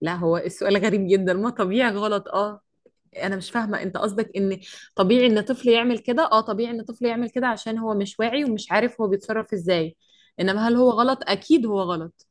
لا، هو السؤال غريب جدا، ما طبيعي، غلط اه. انا مش فاهمه، انت قصدك ان طبيعي ان طفل يعمل كده؟ اه طبيعي ان طفل يعمل كده عشان هو مش واعي ومش عارف هو بيتصرف ازاي، انما هل هو غلط؟ اكيد هو غلط.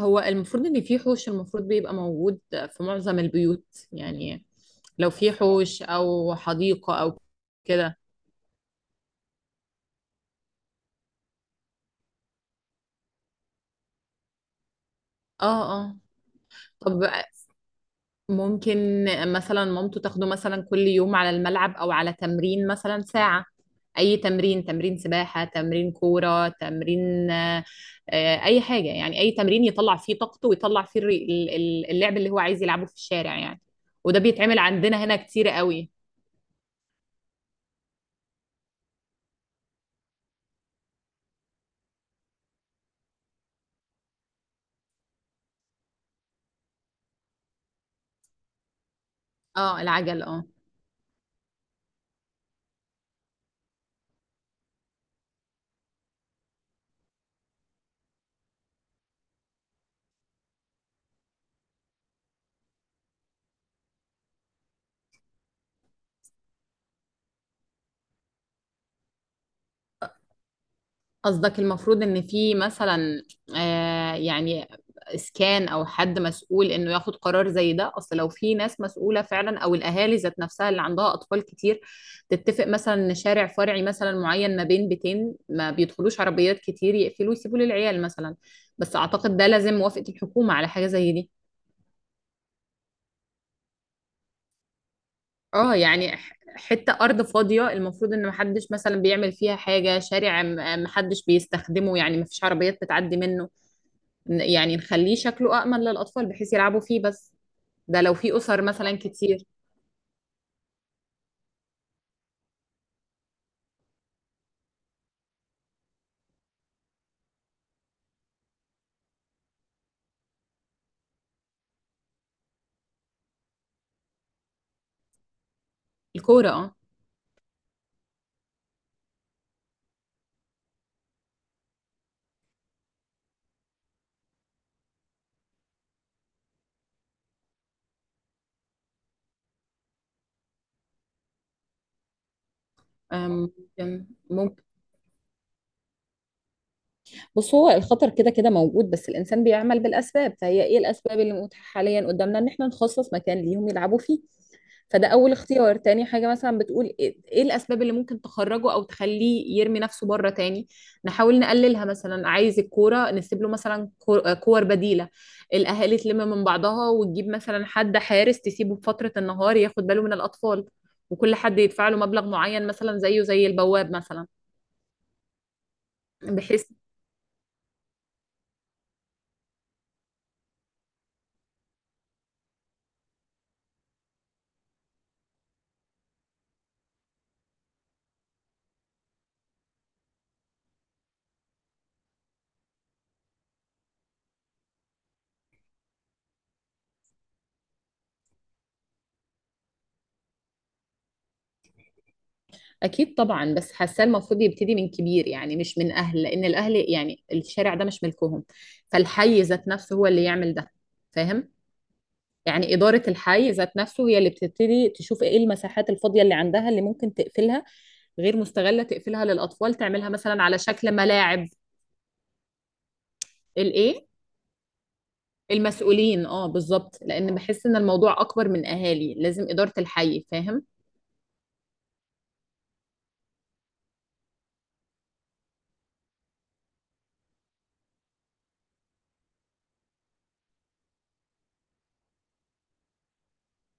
هو المفروض ان في حوش، المفروض بيبقى موجود في معظم البيوت، يعني لو في حوش او حديقه او كده. اه اه. طب ممكن مثلا مامته تاخده مثلا كل يوم على الملعب او على تمرين مثلا ساعة، اي تمرين، تمرين سباحة، تمرين كورة، تمرين اي حاجة، اي تمرين يطلع فيه طاقته ويطلع فيه اللعب اللي هو عايز يلعبه في الشارع يعني. وده بيتعمل عندنا هنا كتير قوي. اه العجل اه. قصدك المفروض ان في مثلا، يعني، اسكان او حد مسؤول انه ياخد قرار زي ده؟ اصل لو في ناس مسؤوله فعلا، او الاهالي ذات نفسها اللي عندها اطفال كتير، تتفق مثلا ان شارع فرعي مثلا معين ما بين بيتين ما بيدخلوش عربيات كتير، يقفلوا يسيبوا للعيال مثلا. بس اعتقد ده لازم موافقه الحكومه على حاجه زي دي. اه حته ارض فاضيه المفروض ان محدش مثلا بيعمل فيها حاجه، شارع محدش بيستخدمه، يعني مفيش عربيات بتعدي منه، يعني نخليه شكله أأمن للأطفال بحيث يلعبوا فيه بس. ده لو في أسر مثلا كتير. الكورة اه. ممكن ممكن. بص، هو الخطر كده كده موجود، بس الإنسان بيعمل بالأسباب، فهي إيه الأسباب اللي متاحة حاليا قدامنا؟ إن إحنا نخصص مكان ليهم يلعبوا فيه، فده اول اختيار. تاني حاجة، مثلا بتقول ايه إيه الاسباب اللي ممكن تخرجه او تخليه يرمي نفسه بره تاني، نحاول نقللها. مثلا عايز الكورة، نسيب له مثلا كور بديلة. الاهالي تلم من بعضها وتجيب مثلا حد حارس، تسيبه بفترة النهار ياخد باله من الاطفال، وكل حد يدفع له مبلغ معين، مثلا زيه زي البواب مثلا. بحيث اكيد طبعا، بس حاسه المفروض يبتدي من كبير، يعني مش من اهل، لان الاهل يعني الشارع ده مش ملكهم، فالحي ذات نفسه هو اللي يعمل ده، فاهم؟ يعني إدارة الحي ذات نفسه هي اللي بتبتدي تشوف إيه المساحات الفاضية اللي عندها اللي ممكن تقفلها، غير مستغلة، تقفلها للأطفال، تعملها مثلا على شكل ملاعب. الإيه؟ المسؤولين، اه بالظبط، لأن بحس إن الموضوع أكبر من أهالي، لازم إدارة الحي، فاهم؟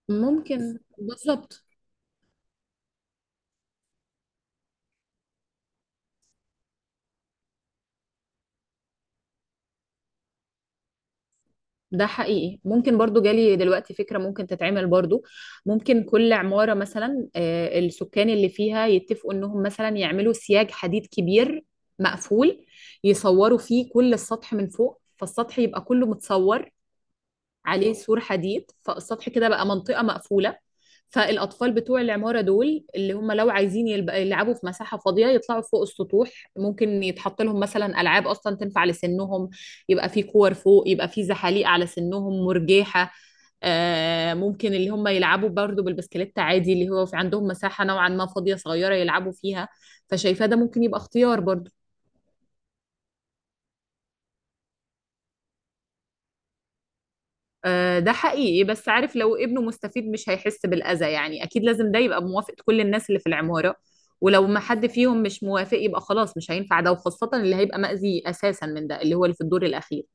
ممكن، بالظبط. ده حقيقي. ممكن برضو جالي دلوقتي فكرة ممكن تتعمل برضو. ممكن كل عمارة مثلا، السكان اللي فيها يتفقوا انهم مثلا يعملوا سياج حديد كبير مقفول، يصوروا فيه كل السطح من فوق، فالسطح يبقى كله متصور عليه سور حديد، فالسطح كده بقى منطقة مقفولة، فالأطفال بتوع العمارة دول اللي هم لو عايزين يلعبوا في مساحة فاضية، يطلعوا فوق السطوح. ممكن يتحط لهم مثلا ألعاب أصلا تنفع لسنهم، يبقى في كور فوق، يبقى في زحاليق على سنهم، مرجيحة، ممكن اللي هم يلعبوا برضو بالبسكليت عادي، اللي هو في عندهم مساحة نوعا ما فاضية صغيرة يلعبوا فيها. فشايفاه ده ممكن يبقى اختيار برضو. ده حقيقي، بس عارف، لو ابنه مستفيد مش هيحس بالأذى، يعني أكيد لازم ده يبقى بموافقة كل الناس اللي في العمارة. ولو ما حد فيهم مش موافق، يبقى خلاص مش هينفع ده، وخاصة اللي هيبقى مأذي أساسا من ده اللي هو اللي في الدور الأخير.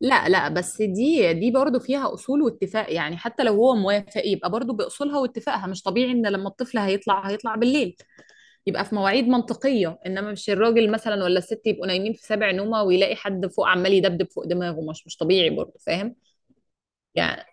لا لا، بس دي برضه فيها أصول واتفاق، يعني حتى لو هو موافق يبقى برضه بأصولها واتفاقها، مش طبيعي إن لما الطفل هيطلع هيطلع بالليل. يبقى في مواعيد منطقية، إنما مش الراجل مثلا ولا الست يبقوا نايمين في سابع نومة، ويلاقي حد فوق عمال يدبدب فوق دماغه، مش طبيعي برضه، فاهم يعني؟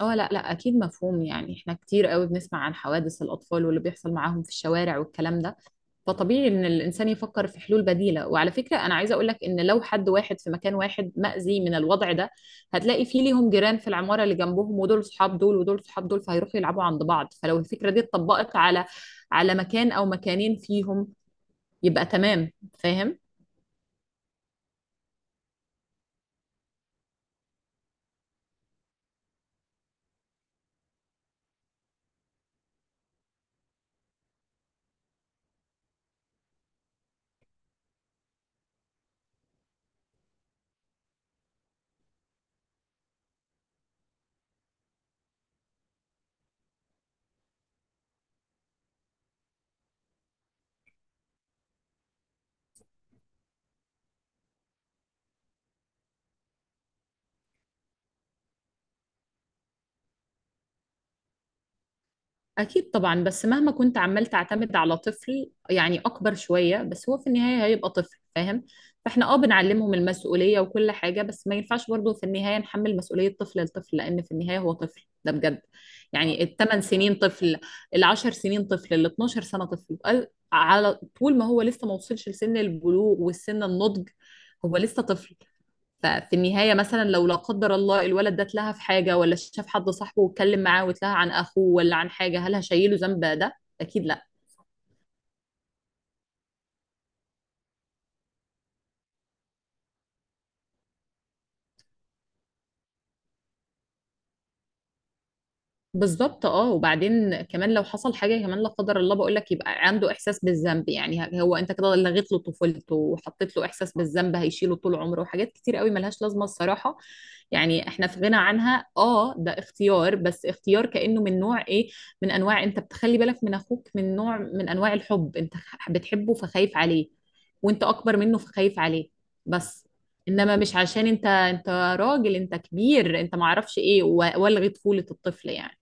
اه لا لا، اكيد مفهوم، يعني احنا كتير قوي بنسمع عن حوادث الاطفال واللي بيحصل معاهم في الشوارع والكلام ده، فطبيعي ان الانسان يفكر في حلول بديله. وعلى فكره، انا عايزه اقول لك ان لو حد واحد في مكان واحد مأذي من الوضع ده، هتلاقي فيه ليهم جيران في العماره اللي جنبهم، ودول صحاب دول ودول صحاب دول، فهيروحوا يلعبوا عند بعض. فلو الفكره دي اتطبقت على على مكان او مكانين فيهم، يبقى تمام، فاهم؟ أكيد طبعا، بس مهما كنت عمال تعتمد على طفل، يعني أكبر شوية، بس هو في النهاية هيبقى طفل، فاهم؟ فإحنا بنعلمهم المسؤولية وكل حاجة، بس ما ينفعش برضه في النهاية نحمل مسؤولية طفل لطفل، لأن في النهاية هو طفل ده بجد. يعني الثمان سنين طفل، العشر سنين طفل، ال 12 سنة طفل، على طول ما هو لسه ما وصلش لسن البلوغ والسن النضج، هو لسه طفل. ففي النهاية مثلا لو لا قدر الله الولد ده اتلهى في حاجة، ولا شاف حد صاحبه واتكلم معاه واتلهى عن أخوه ولا عن حاجة، هل هشيله ذنب ده؟ أكيد لا. بالظبط اه. وبعدين كمان لو حصل حاجه كمان لا قدر الله، بقول لك، يبقى عنده احساس بالذنب، يعني هو انت كده لغيت له طفولته وحطيت له احساس بالذنب هيشيله طول عمره، وحاجات كتير قوي ملهاش لازمه الصراحه، يعني احنا في غنى عنها. اه ده اختيار، بس اختيار كانه من نوع ايه؟ من انواع انت بتخلي بالك من اخوك، من نوع من انواع الحب، انت بتحبه فخايف عليه، وانت اكبر منه فخايف عليه، بس. انما مش عشان انت راجل، انت كبير، انت معرفش ايه والغي طفوله الطفل يعني.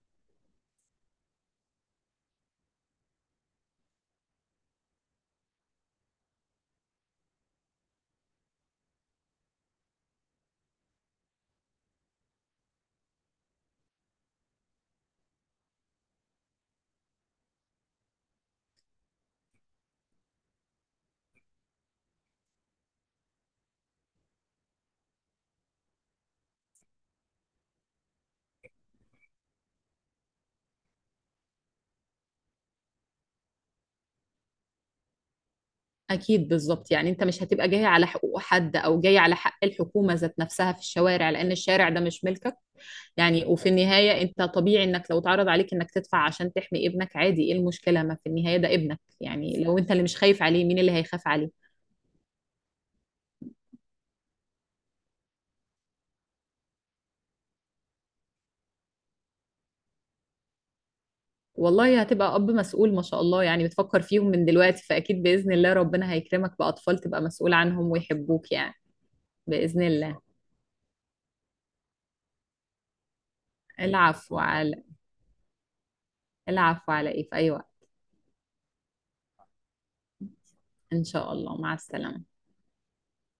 أكيد بالظبط، يعني أنت مش هتبقى جاي على حقوق حد، أو جاي على حق الحكومة ذات نفسها في الشوارع، لأن الشارع ده مش ملكك. يعني وفي النهاية أنت طبيعي إنك لو اتعرض عليك إنك تدفع عشان تحمي ابنك، عادي، إيه المشكلة؟ ما في النهاية ده ابنك، يعني لو أنت اللي مش خايف عليه، مين اللي هيخاف عليه؟ والله هتبقى أب مسؤول ما شاء الله، يعني بتفكر فيهم من دلوقتي، فأكيد بإذن الله ربنا هيكرمك بأطفال تبقى مسؤول عنهم ويحبوك يعني. بإذن الله. العفو على، العفو على إيه، في أي وقت. إن شاء الله، مع السلامة.